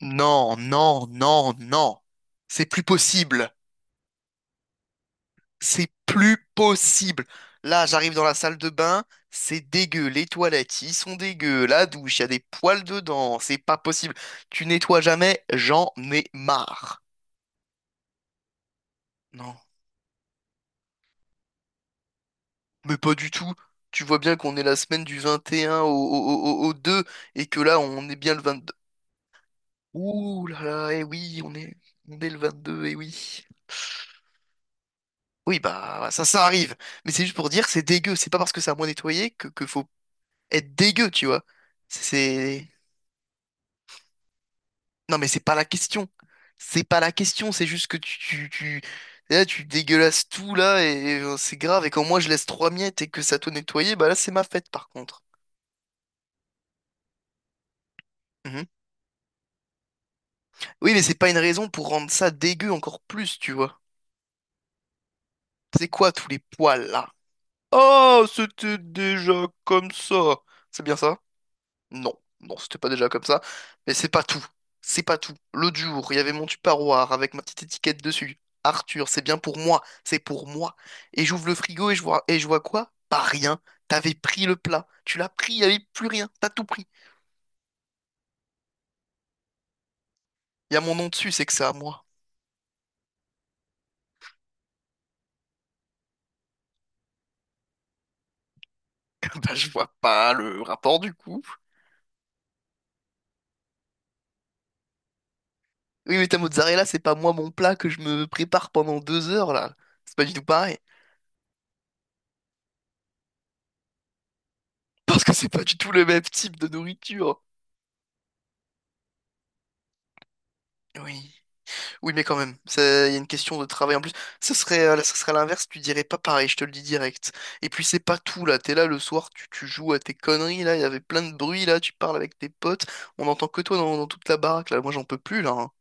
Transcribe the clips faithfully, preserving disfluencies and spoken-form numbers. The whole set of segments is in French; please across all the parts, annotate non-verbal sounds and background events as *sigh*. Non, non, non, non. C'est plus possible. C'est plus possible. Là, j'arrive dans la salle de bain, c'est dégueu. Les toilettes, ils sont dégueux. La douche, il y a des poils dedans. C'est pas possible. Tu nettoies jamais, j'en ai marre. Non, mais pas du tout. Tu vois bien qu'on est la semaine du vingt et un au, au, au- au deux et que là, on est bien le vingt-deux. Ouh là là, eh oui, on est, on est le vingt-deux, eh oui. Oui, bah ça, ça arrive. Mais c'est juste pour dire que c'est dégueu. C'est pas parce que c'est à moi nettoyer que, que faut être dégueu, tu vois. C'est... Non, mais c'est pas la question. C'est pas la question, c'est juste que tu, tu, tu- là, tu dégueulasses tout, là, et, euh, c'est grave. Et quand moi, je laisse trois miettes et que ça te nettoyer, bah là, c'est ma fête, par contre. Mhm. Oui, mais c'est pas une raison pour rendre ça dégueu encore plus, tu vois. C'est quoi tous les poils, là? Oh, c'était déjà comme ça. C'est bien ça? Non, non, c'était pas déjà comme ça. Mais c'est pas tout. C'est pas tout. L'autre jour, il y avait mon tupperware avec ma petite étiquette dessus. Arthur, c'est bien pour moi. C'est pour moi. Et j'ouvre le frigo et je vois, et je vois quoi? Pas rien. T'avais pris le plat. Tu l'as pris, il n'y avait plus rien. T'as tout pris. Il y a mon nom dessus, c'est que c'est à moi. *laughs* Bah, je vois pas le rapport du coup. Oui, mais ta mozzarella, c'est pas moi mon plat que je me prépare pendant deux heures là. C'est pas du tout pareil. Parce que c'est pas du tout le même type de nourriture. Oui. Oui, mais quand même, ça- il y a une question de travail en plus. Ça serait, euh, ça serait à l'inverse, tu dirais pas pareil, je te le dis direct. Et puis c'est pas tout là, t'es là le soir, tu, tu joues à tes conneries là, il y avait plein de bruit là, tu parles avec tes potes, on entend que toi dans, dans toute la baraque là, moi j'en peux plus là, hein.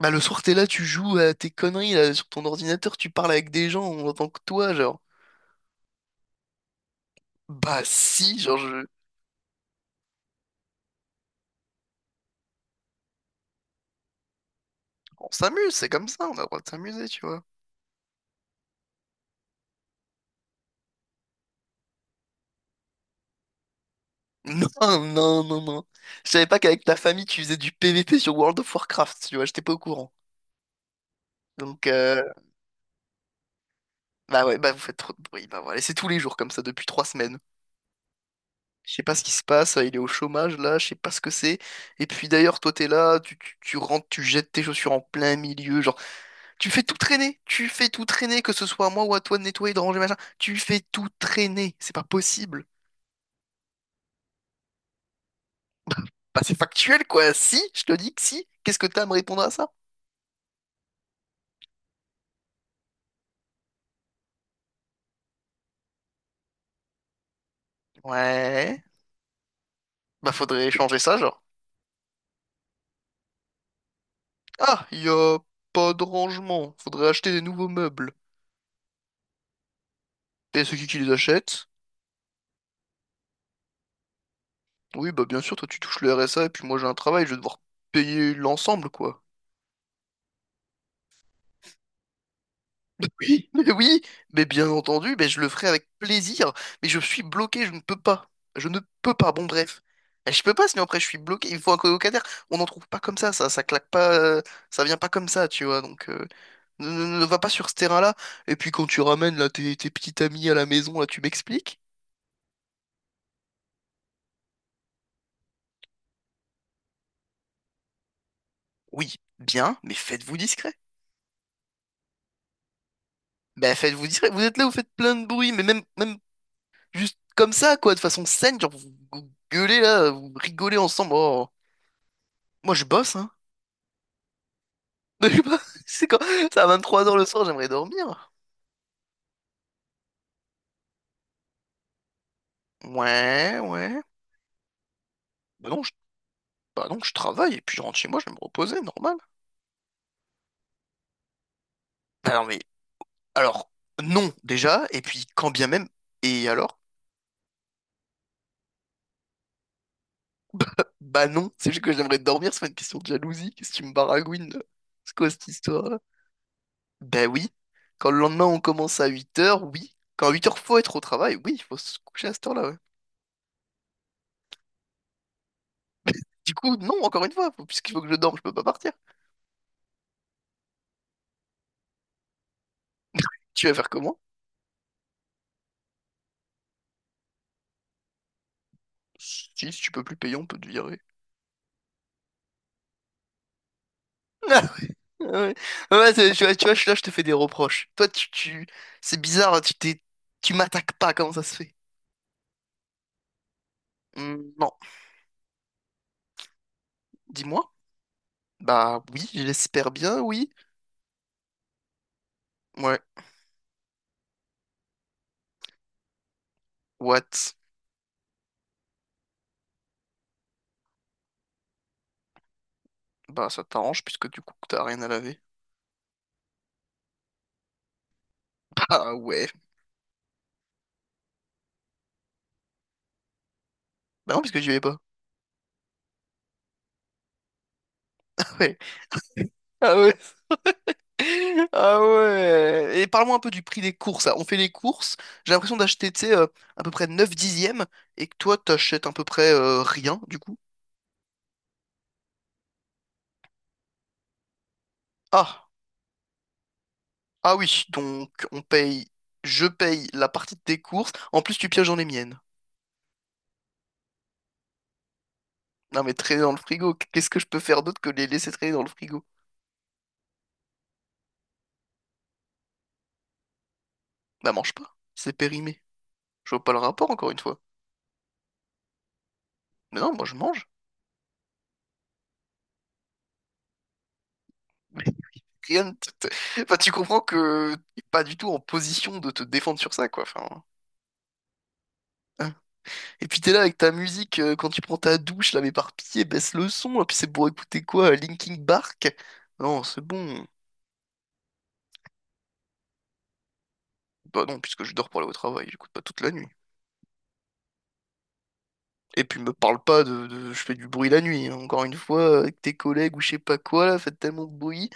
Bah le soir t'es là, tu joues à tes conneries là, sur ton ordinateur, tu parles avec des gens, on entend que toi genre. Bah si, genre je... on s'amuse, c'est comme ça, on a le droit de s'amuser, tu vois. *laughs* Non, non, non, non. Je savais pas qu'avec ta famille tu faisais du P V P sur World of Warcraft, tu vois, j'étais pas au courant. Donc, euh, Bah ouais, bah vous faites trop de bruit. Bah voilà, et c'est tous les jours comme ça depuis trois semaines. Je sais pas ce qui se passe, euh, il est au chômage là, je sais pas ce que c'est. Et puis d'ailleurs, toi t'es là, tu, tu, tu rentres, tu jettes tes chaussures en plein milieu, genre tu fais tout traîner, tu fais tout traîner, que ce soit à moi ou à toi de nettoyer, de ranger, machin, tu fais tout traîner, c'est pas possible. Bah c'est factuel quoi, si, je te dis que si, qu'est-ce que t'as à me répondre à ça? Ouais, bah faudrait changer ça, genre. Ah, y a pas de rangement, faudrait acheter des nouveaux meubles. Et c'est qui qui les achète? Oui, bah bien sûr, toi tu touches le R S A et puis moi j'ai un travail, je vais devoir payer l'ensemble, quoi. Mais *laughs* oui. Mais oui, mais bien entendu, mais je le ferai avec plaisir, mais je suis bloqué, je ne peux pas. Je ne peux pas, bon bref. Je peux pas, sinon après je suis bloqué, il me faut un colocataire. On n'en trouve pas comme ça, ça, ça claque pas, euh, ça vient pas comme ça, tu vois, donc euh, ne, ne- ne va pas sur ce terrain-là. Et puis quand tu ramènes là tes, tes petites amies à la maison, là tu m'expliques? Oui, bien, mais faites-vous discret. Ben faites-vous discret, vous êtes là, vous faites plein de bruit, mais même, même juste comme ça, quoi, de façon saine, genre vous, vous gueulez là, vous rigolez ensemble. Oh, moi je bosse, hein. *laughs* Je sais pas, c'est quand... C'est à vingt-trois heures le soir, j'aimerais dormir. Ouais, ouais. Bah non, je... bah non, je travaille, et puis je rentre chez moi, je vais me reposer, normal. Bah non, mais alors, non, déjà, et puis quand bien même, et alors? Bah non, c'est juste que j'aimerais dormir, c'est pas une question de jalousie, qu'est-ce que tu me baragouines là? C'est quoi cette histoire-là? Bah oui, quand le lendemain on commence à huit heures oui. Quand à huit heures faut être au travail, oui, il faut se coucher à cette heure-là, ouais. Du coup, non, encore une fois, faut- puisqu'il faut que je dorme, je peux pas partir. Tu vas faire comment? Si, si tu peux plus payer, on peut te virer. *laughs* Ah ouais, ouais, c'est- tu vois, tu vois, je- là, je te fais des reproches. Toi, tu, tu... c'est bizarre, tu t'es, tu m'attaques pas, comment ça se fait? Hmm, non, dis-moi. Bah oui, j'espère bien, oui. Ouais, what? Bah ça t'arrange, puisque du coup, t'as rien à laver. *laughs* Ah ouais. Bah non, puisque j'y vais pas. *laughs* Ouais. Ah ouais. Ah ouais. Et parle-moi un peu du prix des courses. On fait les courses. J'ai l'impression d'acheter, tu sais, euh, à peu près neuf dixièmes et que toi, t'achètes à peu près euh, rien, du coup. Ah, ah oui. Donc, on paye, je paye la partie de tes courses. En plus, tu pièges dans les miennes. Non, mais traîner dans le frigo. Qu'est-ce que je peux faire d'autre que les laisser traîner dans le frigo? Bah, mange pas. C'est périmé. Je vois pas le rapport, encore une fois. Mais non, moi, je mange. *laughs* Mais rien ne te- te- enfin, tu comprends que t'es pas du tout en position de te défendre sur ça, quoi. Enfin. Et puis t'es là avec ta musique euh, quand tu prends ta douche, là, mais par pitié, baisse le son. Et puis c'est pour écouter quoi? euh, Linkin Park? Non, c'est bon. Bah non, puisque je dors pour aller au travail, j'écoute pas toute la nuit. Et puis me parle pas de, de- je fais du bruit la nuit, hein. Encore une fois, avec tes collègues ou je sais pas quoi, là, faites tellement de bruit.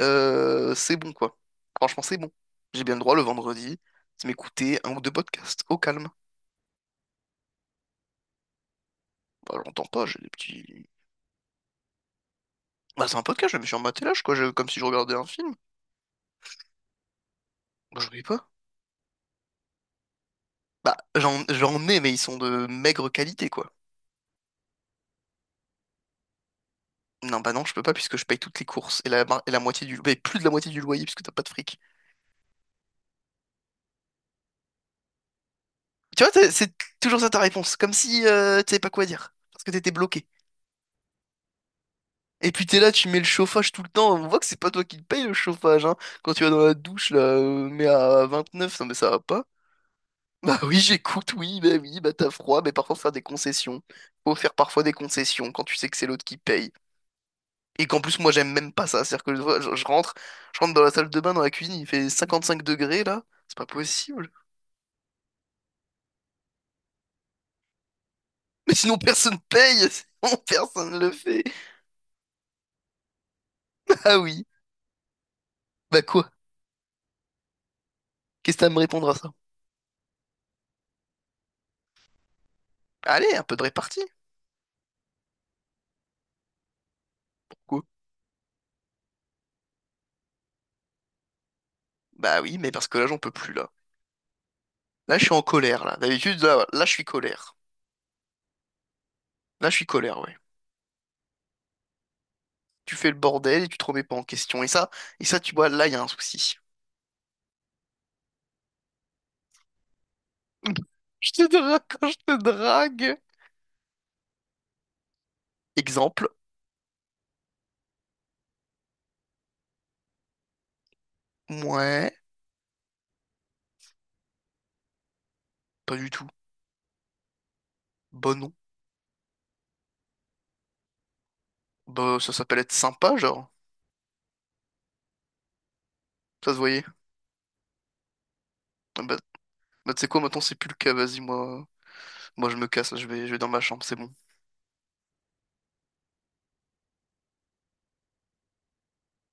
Euh, c'est bon, quoi. Franchement, c'est bon. J'ai bien le droit le vendredi de m'écouter un ou deux podcasts au calme. Bah j'entends pas, j'ai des petits. Bah c'est un podcast, je me suis en matelas, quoi, je- comme si je regardais un film. Bah j'oublie pas. Bah, j'en, j'en ai, mais ils sont de maigre qualité, quoi. Non, bah non, je peux pas puisque je paye toutes les courses et la, et la moitié du, mais plus de la moitié du loyer puisque t'as pas de fric. Tu vois, t'as- c'est toujours ça ta réponse, comme si euh, tu savais pas quoi dire, parce que t'étais bloqué. Et puis t'es là, tu mets le chauffage tout le temps, on voit que c'est pas toi qui le paye le chauffage, hein. Quand tu vas dans la douche, là, euh, mais à vingt-neuf, non mais ça va pas. *laughs* Bah oui, j'écoute, oui, bah oui, bah t'as froid, mais parfois faut faire des concessions. Faut faire parfois des concessions quand tu sais que c'est l'autre qui paye. Et qu'en plus, moi, j'aime même pas ça. C'est-à-dire que des fois, je, je rentre, je rentre dans la salle de bain, dans la cuisine, il fait cinquante-cinq degrés, là. C'est pas possible. *laughs* Mais sinon, personne paye. *laughs* Sinon, personne le fait. Ah oui. Bah quoi? Qu'est-ce que t'as à me répondre à ça? Allez, un peu de répartie. Quoi? Bah oui, mais parce que là, j'en peux plus, là. Là, je suis en colère, là. D'habitude, là, là, je suis colère. Là, je suis colère, ouais. Tu fais le bordel et tu te remets pas en question. Et ça, et ça, tu vois, là, il y a un souci. *laughs* Je te drague quand je te drague. Exemple. Ouais, pas du tout. Bon, non. Bah, ça s'appelle être sympa, genre. Ça se voyait. Ah bah, bah tu sais quoi, maintenant c'est plus le cas, vas-y, moi, moi je me casse, je vais, je vais dans ma chambre, c'est bon.